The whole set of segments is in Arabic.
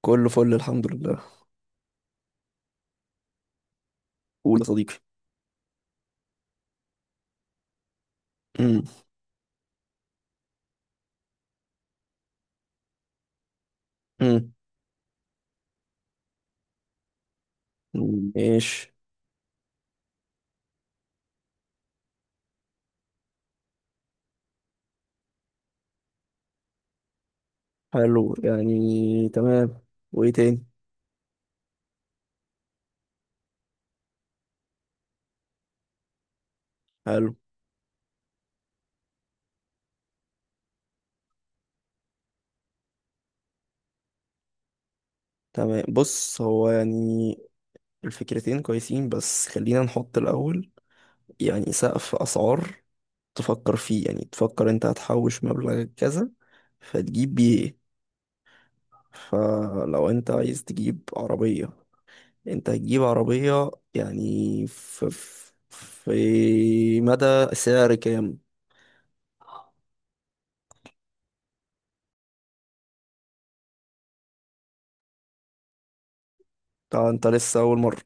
كله فل الحمد لله. قول يا صديقي. امم. امم. ماشي. حلو، يعني تمام. وايه تاني؟ حلو. تمام، بص هو يعني الفكرتين كويسين، بس خلينا نحط الاول يعني سقف اسعار تفكر فيه، يعني تفكر انت هتحوش مبلغ كذا فتجيب بيه ايه؟ فلو انت عايز تجيب عربية، انت هتجيب عربية يعني في في مدى سعر كام؟ طبعا انت لسه اول مرة.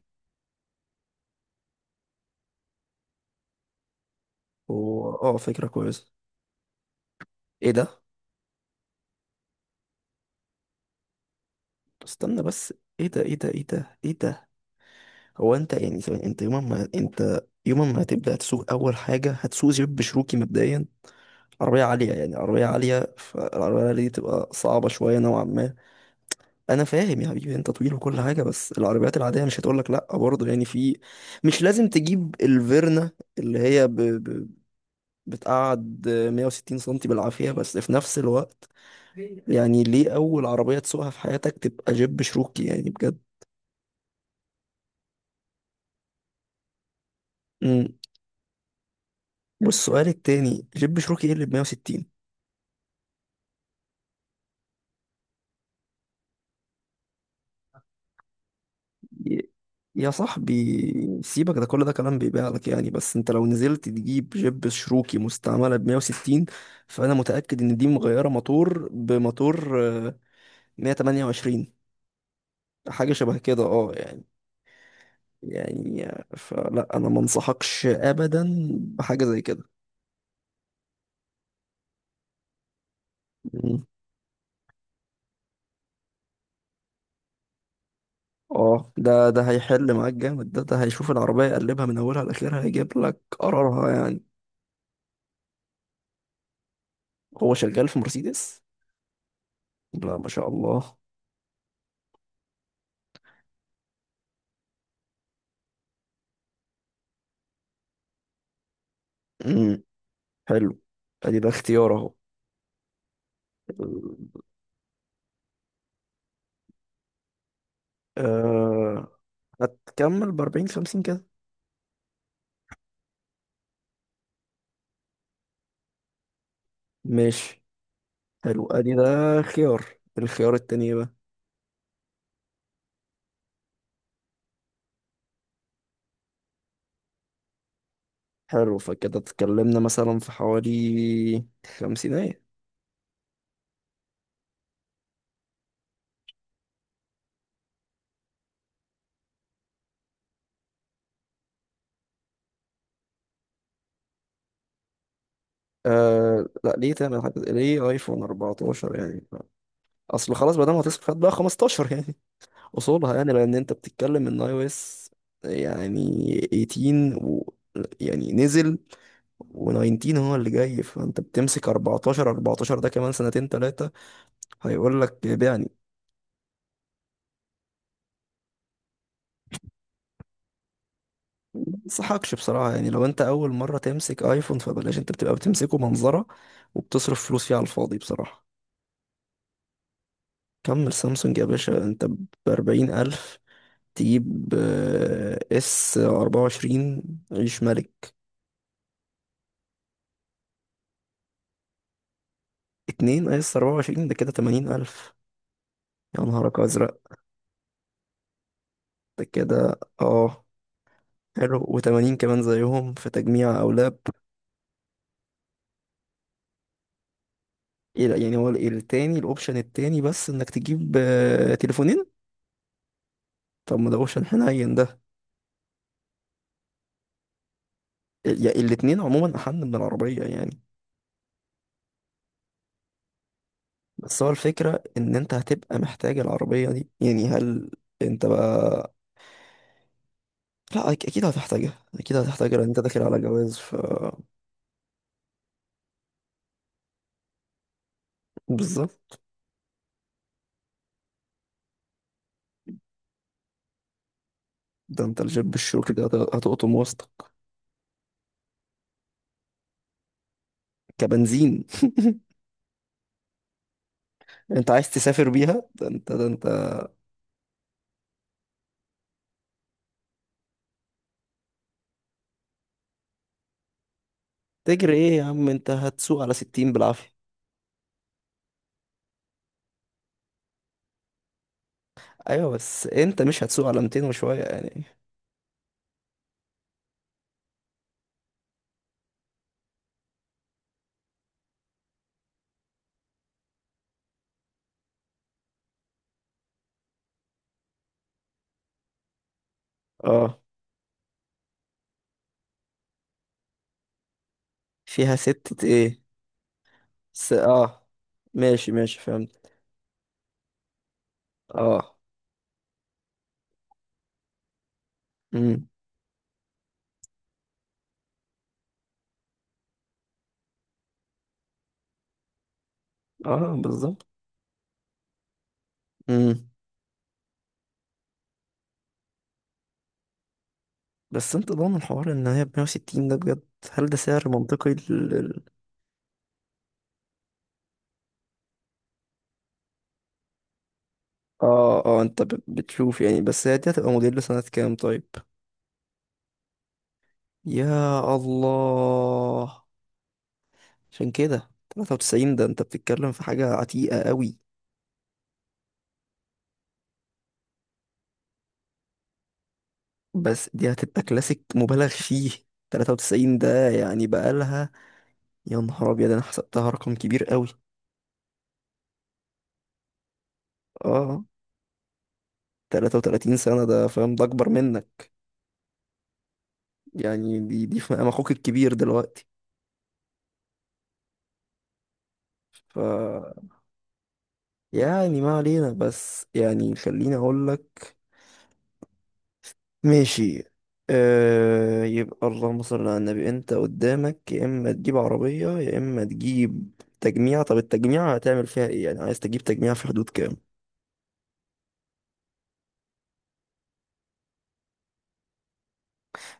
فكرة كويسة. ايه ده؟ استنى بس. ايه ده ايه ده ايه ده ايه ده؟ هو انت يعني ثواني، انت يوم ما هتبدأ تسوق اول حاجة هتسوق جيب بشروكي مبدئيا؟ عربية عالية يعني عربية عالية، فالعربية العالية دي تبقى صعبة شوية نوعا ما. أنا فاهم يا حبيبي، أنت طويل وكل حاجة، بس العربيات العادية مش هتقولك لأ برضه، يعني في. مش لازم تجيب الفيرنا اللي هي بتقعد 160 سنتي بالعافية، بس في نفس الوقت يعني ليه أول عربية تسوقها في حياتك تبقى جيب شروكي يعني بجد؟ امم. والسؤال التاني، جيب شروكي ايه اللي ب 160؟ ي- يا صاحبي سيبك ده، كل ده كلام بيبيع لك يعني. بس انت لو نزلت تجيب جيب شروكي مستعملة ب 160 فأنا متأكد إن دي مغيرة موتور بموتور، 128، حاجة شبه كده اه يعني فلا أنا ما انصحكش أبدا بحاجة زي كده. اه، ده هيحل معاك جامد، ده هيشوف العربية يقلبها من أولها لآخرها، هيجيب لك قرارها يعني. هو شغال في مرسيدس؟ لا ما شاء الله. امم. حلو. ادي ده اختيار اهو. أه. هتكمل بأربعين خمسين كده. ماشي. حلو ادي ده خيار. الخيار التاني بقى. حلو، فكده اتكلمنا مثلا في حوالي خمسينية. أه لا، ليه تعمل حاجة؟ ليه ايفون 14 يعني؟ اصل خلاص ما دام هتصرف هات بقى 15 يعني اصولها، يعني لان انت بتتكلم ان اي او اس يعني 18 و... يعني نزل و19 هو اللي جاي، فانت بتمسك 14، 14 ده كمان سنتين ثلاثه هيقول لك بيعني. ما انصحكش بصراحه يعني، لو انت اول مره تمسك ايفون فبلاش. انت بتبقى بتمسكه منظره وبتصرف فلوس فيه على الفاضي بصراحه. كمل سامسونج يا باشا، انت ب 40,000 تجيب اس 24، عيش ملك. اتنين اس 24 ده كده 80,000. يا نهارك ازرق. ده كده اه. حلو، و80 كمان زيهم في تجميع او لاب. إيه لا، يعني هو التاني، الاوبشن التاني بس انك تجيب تليفونين. طب ما ده اوبشن حنين ده. الاتنين عموما احن من العربية يعني. بس هو الفكرة ان انت هتبقى محتاج العربية دي يعني، هل انت بقى... لا اكيد هتحتاجها، اكيد هتحتاجها لان انت داخل على جواز ف... بالظبط. ده انت الجيب الشروكي ده هتقطم وسطك. كبنزين. انت عايز تسافر بيها؟ ده انت ده انت. تجري ايه يا عم؟ انت هتسوق على 60 بالعافية. ايوه بس انت مش هتسوق على 200 وشوية يعني. اه. فيها ستة ايه؟ اه، ماشي ماشي فهمت. اه. امم. اه بالظبط. امم. بس انت ضامن حوار ان هي ب 160 ده بجد؟ هل ده سعر منطقي اه اه، انت بتشوف يعني، بس هي دي هتبقى موديل سنة كام طيب؟ يا الله. عشان كده 93 ده، انت بتتكلم في حاجة عتيقة قوي. بس دي هتبقى كلاسيك مبالغ فيه. 93 ده يعني بقالها. يا نهار ابيض، انا حسبتها رقم كبير قوي. اه. 33 سنة، ده فاهم؟ ده اكبر منك. يعني دي في مقام اخوك الكبير دلوقتي ف... يعني ما علينا، بس يعني خليني اقول لك. ماشي. آه يبقى اللهم صل على النبي، انت قدامك يا اما تجيب عربية يا اما تجيب تجميع. طب التجميع هتعمل فيها ايه يعني؟ عايز تجيب تجميع في حدود كام؟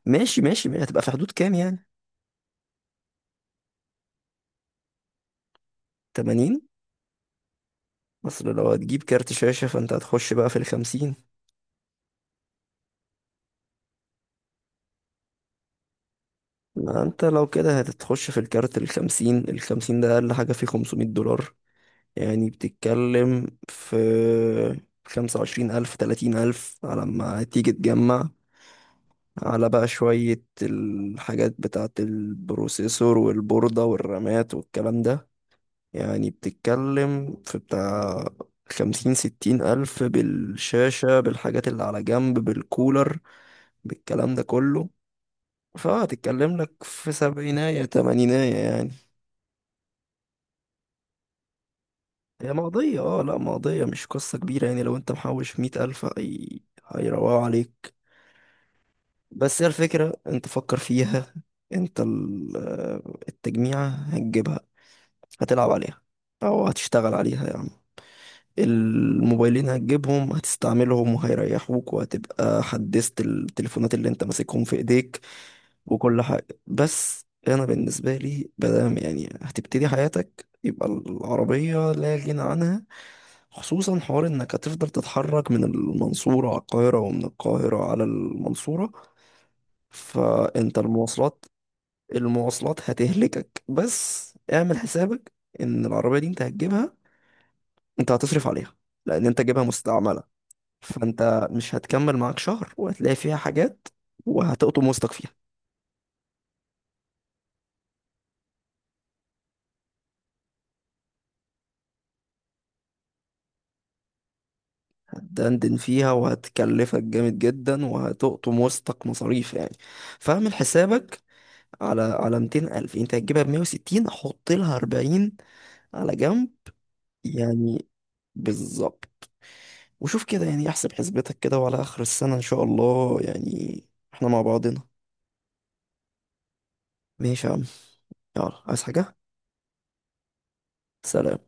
ماشي ماشي ماشي، هتبقى في حدود كام يعني؟ 80؟ اصل لو هتجيب كارت شاشة فانت هتخش بقى في الخمسين. ما انت لو كده هتتخش في الكارت، الخمسين الخمسين ده اقل حاجة فيه 500 دولار. يعني بتتكلم في 25 ألف 30 ألف على ما تيجي تجمع، على بقى شوية الحاجات بتاعة البروسيسور والبوردة والرامات والكلام ده. يعني بتتكلم في بتاع خمسين ستين ألف بالشاشة، بالحاجات اللي على جنب، بالكولر، بالكلام ده كله. فهتتكلم لك في سبعيناية تمانيناية يعني. هي مقضية، اه لا مقضية، مش قصة كبيرة يعني. لو انت محوش 100 ألف هيروقوا عليك. بس هي الفكرة، انت فكر فيها. انت التجميعة هتجيبها، هتلعب عليها أو هتشتغل عليها يعني. الموبايلين هتجيبهم هتستعملهم وهيريحوك وهتبقى حدثت التليفونات اللي انت ماسكهم في ايديك وكل حاجة. بس انا بالنسبة لي، بدام يعني هتبتدي حياتك، يبقى العربية لا غنى عنها، خصوصا حوار انك هتفضل تتحرك من المنصورة على القاهرة ومن القاهرة على المنصورة، فانت المواصلات. المواصلات هتهلكك، بس اعمل حسابك ان العربية دي انت هتجيبها، انت هتصرف عليها لان انت جايبها مستعملة. فانت مش هتكمل معاك شهر وهتلاقي فيها حاجات وهتقطم وسطك فيها. هتدندن فيها وهتكلفك جامد جدا وهتقطم وسطك مصاريف يعني، فاعمل حسابك على 200 ألف، انت هتجيبها ب 160 حط لها 40 على جنب يعني. بالظبط. وشوف كده يعني، احسب حسبتك كده وعلى آخر السنة إن شاء الله يعني احنا مع بعضنا. ماشي يا عم. يلا عايز حاجة؟ سلام.